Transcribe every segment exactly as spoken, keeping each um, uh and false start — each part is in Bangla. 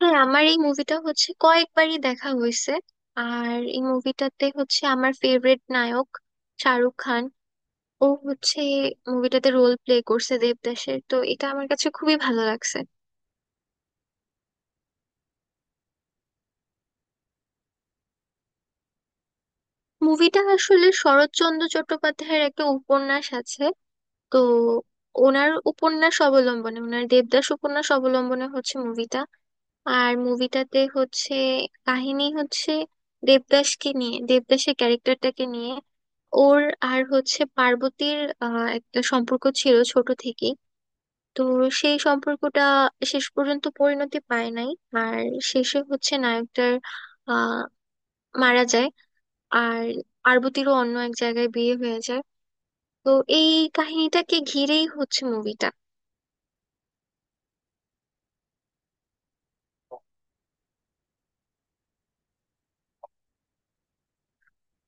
হ্যাঁ, আমার এই মুভিটা হচ্ছে কয়েকবারই দেখা হয়েছে। আর এই মুভিটাতে হচ্ছে আমার ফেভারিট নায়ক শাহরুখ খান। ও হচ্ছে মুভিটাতে রোল প্লে করছে দেবদাসের, তো এটা আমার কাছে খুবই ভালো লাগছে। মুভিটা আসলে শরৎচন্দ্র চট্টোপাধ্যায়ের একটা উপন্যাস আছে, তো ওনার উপন্যাস অবলম্বনে, ওনার দেবদাস উপন্যাস অবলম্বনে হচ্ছে মুভিটা। আর মুভিটাতে হচ্ছে কাহিনী হচ্ছে দেবদাসকে নিয়ে, দেবদাসের ক্যারেক্টারটাকে নিয়ে। ওর আর হচ্ছে পার্বতীর আহ, একটা সম্পর্ক ছিল ছোট থেকেই। তো সেই সম্পর্কটা শেষ পর্যন্ত পরিণতি পায় নাই। আর শেষে হচ্ছে নায়কটার আহ মারা যায়। আর পার্বতীরও অন্য এক জায়গায় বিয়ে হয়ে যায়। তো এই কাহিনীটাকে ঘিরেই হচ্ছে মুভিটা।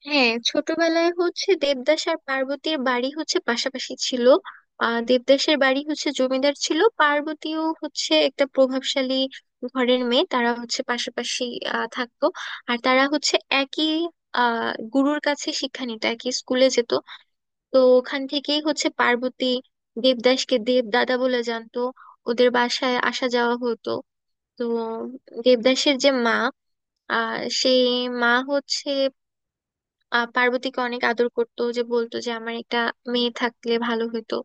হ্যাঁ, ছোটবেলায় হচ্ছে দেবদাস আর পার্বতীর বাড়ি হচ্ছে পাশাপাশি ছিল। আহ দেবদাসের বাড়ি হচ্ছে জমিদার ছিল, পার্বতীও হচ্ছে একটা প্রভাবশালী ঘরের মেয়ে। তারা হচ্ছে পাশাপাশি আহ থাকতো। আর তারা হচ্ছে একই আহ গুরুর কাছে শিক্ষা নিত, একই স্কুলে যেত। তো ওখান থেকেই হচ্ছে পার্বতী দেবদাসকে দেব দাদা বলে জানতো, ওদের বাসায় আসা যাওয়া হতো। তো দেবদাসের যে মা, আহ সেই মা হচ্ছে আহ পার্বতীকে অনেক আদর করতো, যে বলতো যে আমার একটা মেয়ে থাকলে ভালো হতো।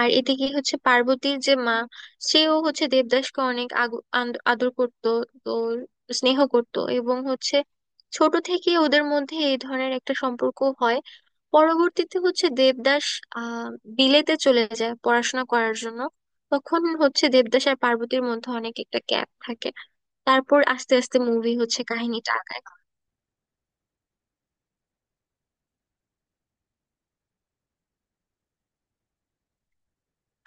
আর এদিকে হচ্ছে পার্বতীর যে মা, সেও হচ্ছে দেবদাসকে অনেক আগু- আন্দ- আদর করতো। তো স্নেহ করতো, এবং হচ্ছে ছোট থেকে ওদের মধ্যে এই ধরনের একটা সম্পর্ক হয়। পরবর্তীতে হচ্ছে দেবদাস আহ বিলেতে চলে যায় পড়াশোনা করার জন্য। তখন হচ্ছে দেবদাস আর পার্বতীর মধ্যে অনেক একটা গ্যাপ থাকে। তারপর আস্তে আস্তে মুভি হচ্ছে কাহিনীটা আগায়।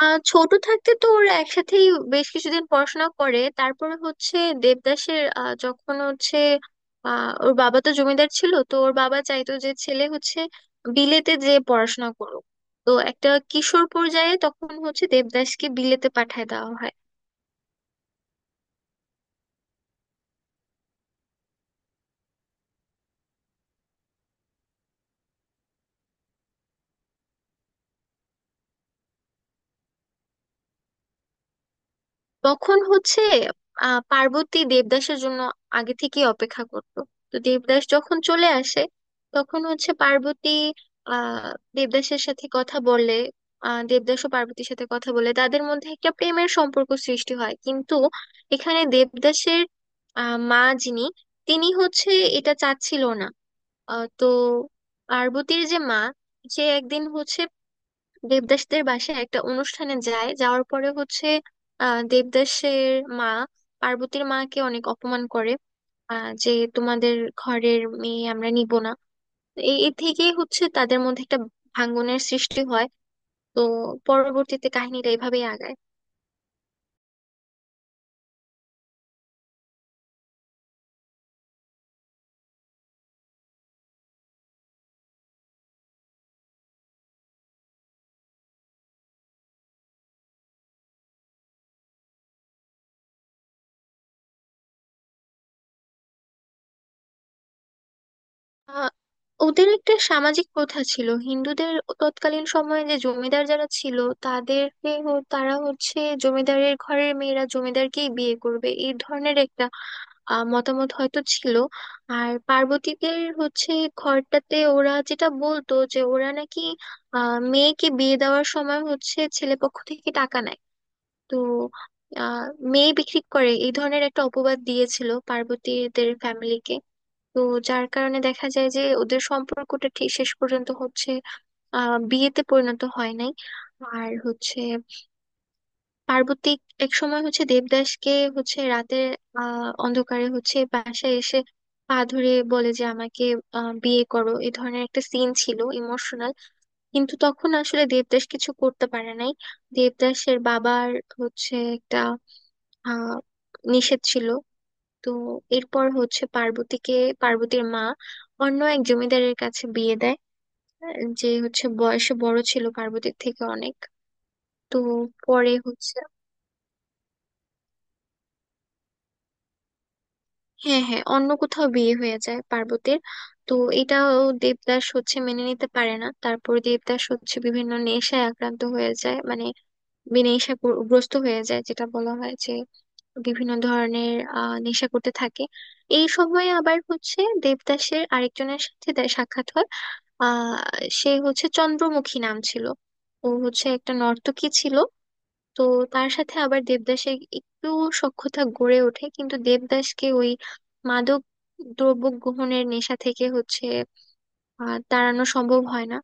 আহ ছোট থাকতে তো ওরা একসাথেই বেশ কিছুদিন পড়াশোনা করে, তারপরে হচ্ছে দেবদাসের, আহ, যখন হচ্ছে আহ, ওর বাবা তো জমিদার ছিল, তো ওর বাবা চাইতো যে ছেলে হচ্ছে বিলেতে যে পড়াশোনা করুক। তো একটা কিশোর পর্যায়ে তখন হচ্ছে দেবদাসকে বিলেতে পাঠায় দেওয়া হয়। তখন হচ্ছে আহ পার্বতী দেবদাসের জন্য আগে থেকেই অপেক্ষা করত। তো দেবদাস যখন চলে আসে, তখন হচ্ছে পার্বতী আহ দেবদাসের সাথে কথা বলে। আহ দেবদাস ও পার্বতীর সাথে কথা বলে, তাদের মধ্যে একটা প্রেমের সম্পর্ক সৃষ্টি হয়, কিন্তু এখানে দেবদাসের আহ মা যিনি, তিনি হচ্ছে এটা চাচ্ছিল না। আহ, তো পার্বতীর যে মা, সে একদিন হচ্ছে দেবদাসদের বাসায় একটা অনুষ্ঠানে যায়, যাওয়ার পরে হচ্ছে আহ দেবদাসের মা পার্বতীর মাকে অনেক অপমান করে। আহ যে তোমাদের ঘরের মেয়ে আমরা নিব না। তো এই এ থেকেই হচ্ছে তাদের মধ্যে একটা ভাঙ্গনের সৃষ্টি হয়। তো পরবর্তীতে কাহিনীটা এভাবেই আগায়। আহ, ওদের একটা সামাজিক প্রথা ছিল হিন্দুদের, তৎকালীন সময়ে যে জমিদার যারা ছিল, তাদেরকে হ- তারা হচ্ছে জমিদারের ঘরের মেয়েরা জমিদারকেই বিয়ে করবে, এই ধরনের একটা আহ, মতামত হয়তো ছিল। আর পার্বতীদের হচ্ছে ঘরটাতে, ওরা যেটা বলতো যে ওরা নাকি আহ মেয়েকে বিয়ে দেওয়ার সময় হচ্ছে ছেলে পক্ষ থেকে টাকা নেয়। তো আহ মেয়ে বিক্রি করে, এই ধরনের একটা অপবাদ দিয়েছিল পার্বতীদের ফ্যামিলিকে। তো যার কারণে দেখা যায় যে ওদের সম্পর্কটা ঠিক শেষ পর্যন্ত হচ্ছে আহ বিয়েতে পরিণত হয় নাই। আর হচ্ছে পার্বতী এক সময় হচ্ছে দেবদাসকে হচ্ছে রাতের আহ অন্ধকারে হচ্ছে বাসায় এসে পা ধরে বলে যে আমাকে আহ, বিয়ে করো, এ ধরনের একটা সিন ছিল, ইমোশনাল। কিন্তু তখন আসলে দেবদাস কিছু করতে পারে নাই, দেবদাসের বাবার হচ্ছে একটা আহ নিষেধ ছিল। তো এরপর হচ্ছে পার্বতীকে, পার্বতীর মা অন্য এক জমিদারের কাছে বিয়ে দেয়, আহ, যে হচ্ছে বয়সে বড় ছিল পার্বতীর থেকে অনেক। তো পরে হচ্ছে, হ্যাঁ হ্যাঁ, অন্য কোথাও বিয়ে হয়ে যায় পার্বতীর। তো এটাও দেবদাস হচ্ছে মেনে নিতে পারে না, তারপর দেবদাস হচ্ছে বিভিন্ন নেশায় আক্রান্ত হয়ে যায়, মানে নেশা গ্রস্ত হয়ে যায়, যেটা বলা হয় যে বিভিন্ন ধরনের আহ নেশা করতে থাকে। এই সময় আবার হচ্ছে দেবদাসের আরেকজনের সাথে তার সাক্ষাৎ হয়। আহ সে হচ্ছে চন্দ্রমুখী নাম ছিল। ও হচ্ছে একটা নর্তকী ছিল। তো তার সাথে আবার দেবদাসের একটু সখ্যতা গড়ে ওঠে, কিন্তু দেবদাসকে ওই মাদক দ্রব্য গ্রহণের নেশা থেকে হচ্ছে আহ তাড়ানো সম্ভব হয় না।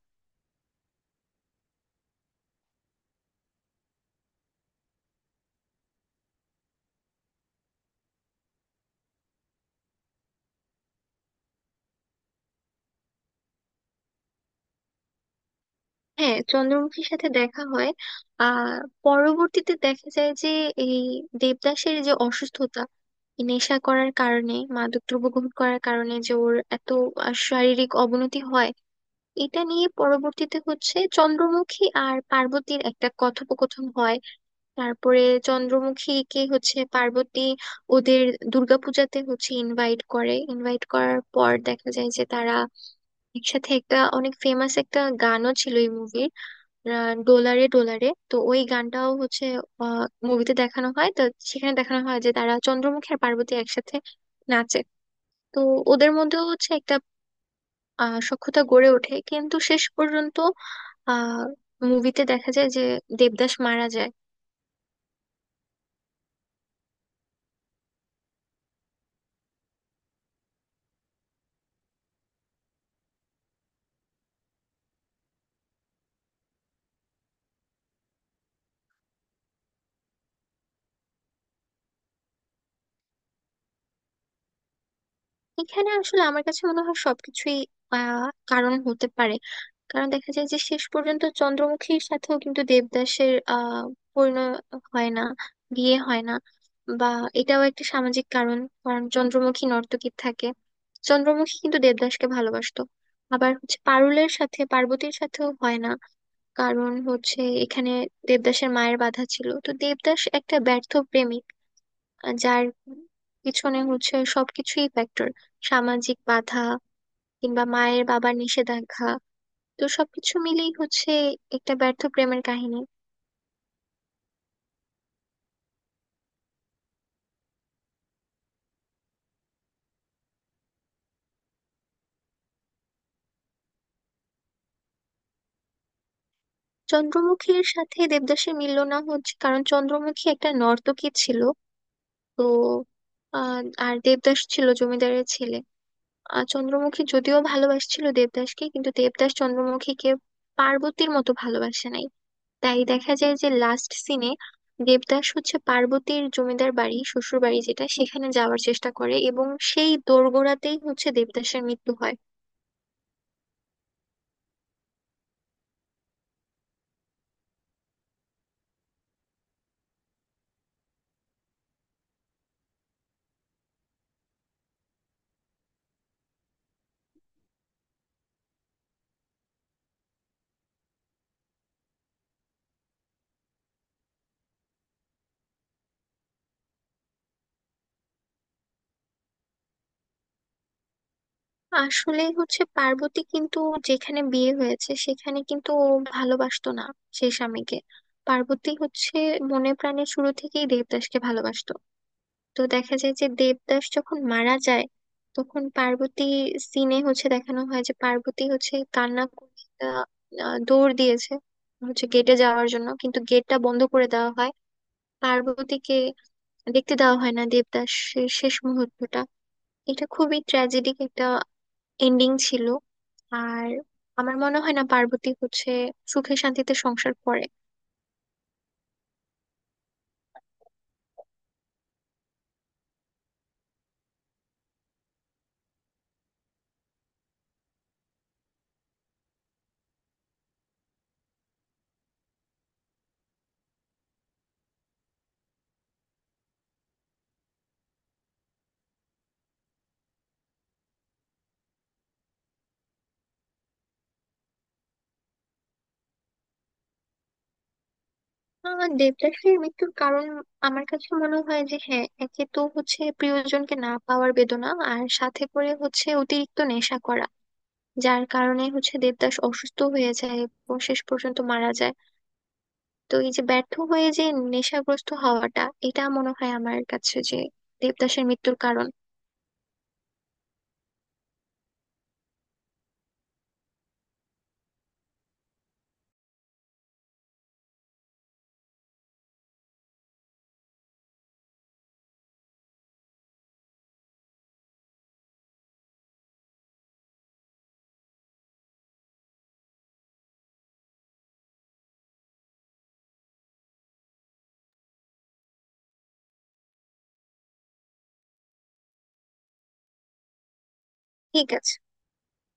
হ্যাঁ, চন্দ্রমুখীর সাথে দেখা হয়। আহ পরবর্তীতে দেখা যায় যে এই দেবদাসের যে অসুস্থতা, এই নেশা করার কারণে, মাদক দ্রব্য গ্রহণ করার কারণে, যে ওর এত আহ, শারীরিক অবনতি হয়। এটা নিয়ে পরবর্তীতে হচ্ছে চন্দ্রমুখী আর পার্বতীর একটা কথোপকথন হয়। তারপরে চন্দ্রমুখীকে হচ্ছে পার্বতী ওদের দুর্গাপূজাতে হচ্ছে ইনভাইট করে, ইনভাইট করার পর দেখা যায় যে তারা একসাথে, একটা অনেক ফেমাস একটা গানও ছিল এই মুভির, ডোলারে ডোলারে, তো ওই গানটাও হচ্ছে আহ মুভিতে দেখানো হয়। তো সেখানে দেখানো হয় যে তারা চন্দ্রমুখী আর পার্বতী একসাথে নাচে। তো ওদের মধ্যেও হচ্ছে একটা আহ সখ্যতা গড়ে ওঠে, কিন্তু শেষ পর্যন্ত আহ মুভিতে দেখা যায় যে দেবদাস মারা যায়। এখানে আসলে আমার কাছে মনে হয় সবকিছুই আহ কারণ হতে পারে। কারণ দেখা যায় যে শেষ পর্যন্ত চন্দ্রমুখীর সাথেও কিন্তু দেবদাসের আহ পরিণয় হয় না, বিয়ে হয় না। বা এটাও একটা সামাজিক কারণ, কারণ চন্দ্রমুখী নর্তকী থাকে। চন্দ্রমুখী কিন্তু দেবদাসকে ভালোবাসতো। আবার হচ্ছে পারুলের সাথে, পার্বতীর সাথেও হয় না, কারণ হচ্ছে এখানে দেবদাসের মায়ের বাধা ছিল। তো দেবদাস একটা ব্যর্থ প্রেমিক, আহ, যার পিছনে হচ্ছে সবকিছুই ফ্যাক্টর, সামাজিক বাধা কিংবা মায়ের বাবার নিষেধাজ্ঞা। তো সবকিছু মিলেই হচ্ছে একটা ব্যর্থ প্রেমের কাহিনী। চন্দ্রমুখীর সাথে দেবদাসের মিলল না, হচ্ছে কারণ চন্দ্রমুখী একটা নর্তকী ছিল। তো আহ, আর দেবদাস ছিল জমিদারের ছেলে। আর চন্দ্রমুখী যদিও ভালোবাসছিল দেবদাসকে, কিন্তু দেবদাস চন্দ্রমুখীকে পার্বতীর মতো ভালোবাসে নাই। তাই দেখা যায় যে লাস্ট সিনে দেবদাস হচ্ছে পার্বতীর জমিদার বাড়ি, শ্বশুর বাড়ি যেটা, সেখানে যাওয়ার চেষ্টা করে, এবং সেই দোরগোড়াতেই হচ্ছে দেবদাসের মৃত্যু হয়। আসলে হচ্ছে পার্বতী কিন্তু যেখানে বিয়ে হয়েছে সেখানে কিন্তু ও ভালোবাসতো না সেই স্বামীকে। পার্বতী হচ্ছে মনে প্রাণে শুরু থেকেই দেবদাসকে ভালোবাসতো। তো দেখা যায় যে দেবদাস যখন মারা যায় তখন পার্বতী, সিনে হচ্ছে দেখানো হয় যে পার্বতী হচ্ছে কান্না করে একটা, আহ, দৌড় দিয়েছে হচ্ছে গেটে যাওয়ার জন্য, কিন্তু গেটটা বন্ধ করে দেওয়া হয়। পার্বতীকে দেখতে দেওয়া হয় না দেবদাসের শেষ মুহূর্তটা। এটা খুবই ট্র্যাজেডিক একটা এন্ডিং ছিল। আর আমার মনে হয় না পার্বতী হচ্ছে সুখে শান্তিতে সংসার করে। আহ দেবদাসের মৃত্যুর কারণ আমার কাছে মনে হয় যে, হ্যাঁ, একে তো হচ্ছে প্রিয়জনকে না পাওয়ার বেদনা, আর সাথে করে হচ্ছে অতিরিক্ত নেশা করা, যার কারণে হচ্ছে দেবদাস অসুস্থ হয়ে যায় এবং শেষ পর্যন্ত মারা যায়। তো এই যে ব্যর্থ হয়ে যে নেশাগ্রস্ত হওয়াটা, এটা মনে হয় আমার কাছে যে দেবদাসের মৃত্যুর কারণ। ঠিক আছে।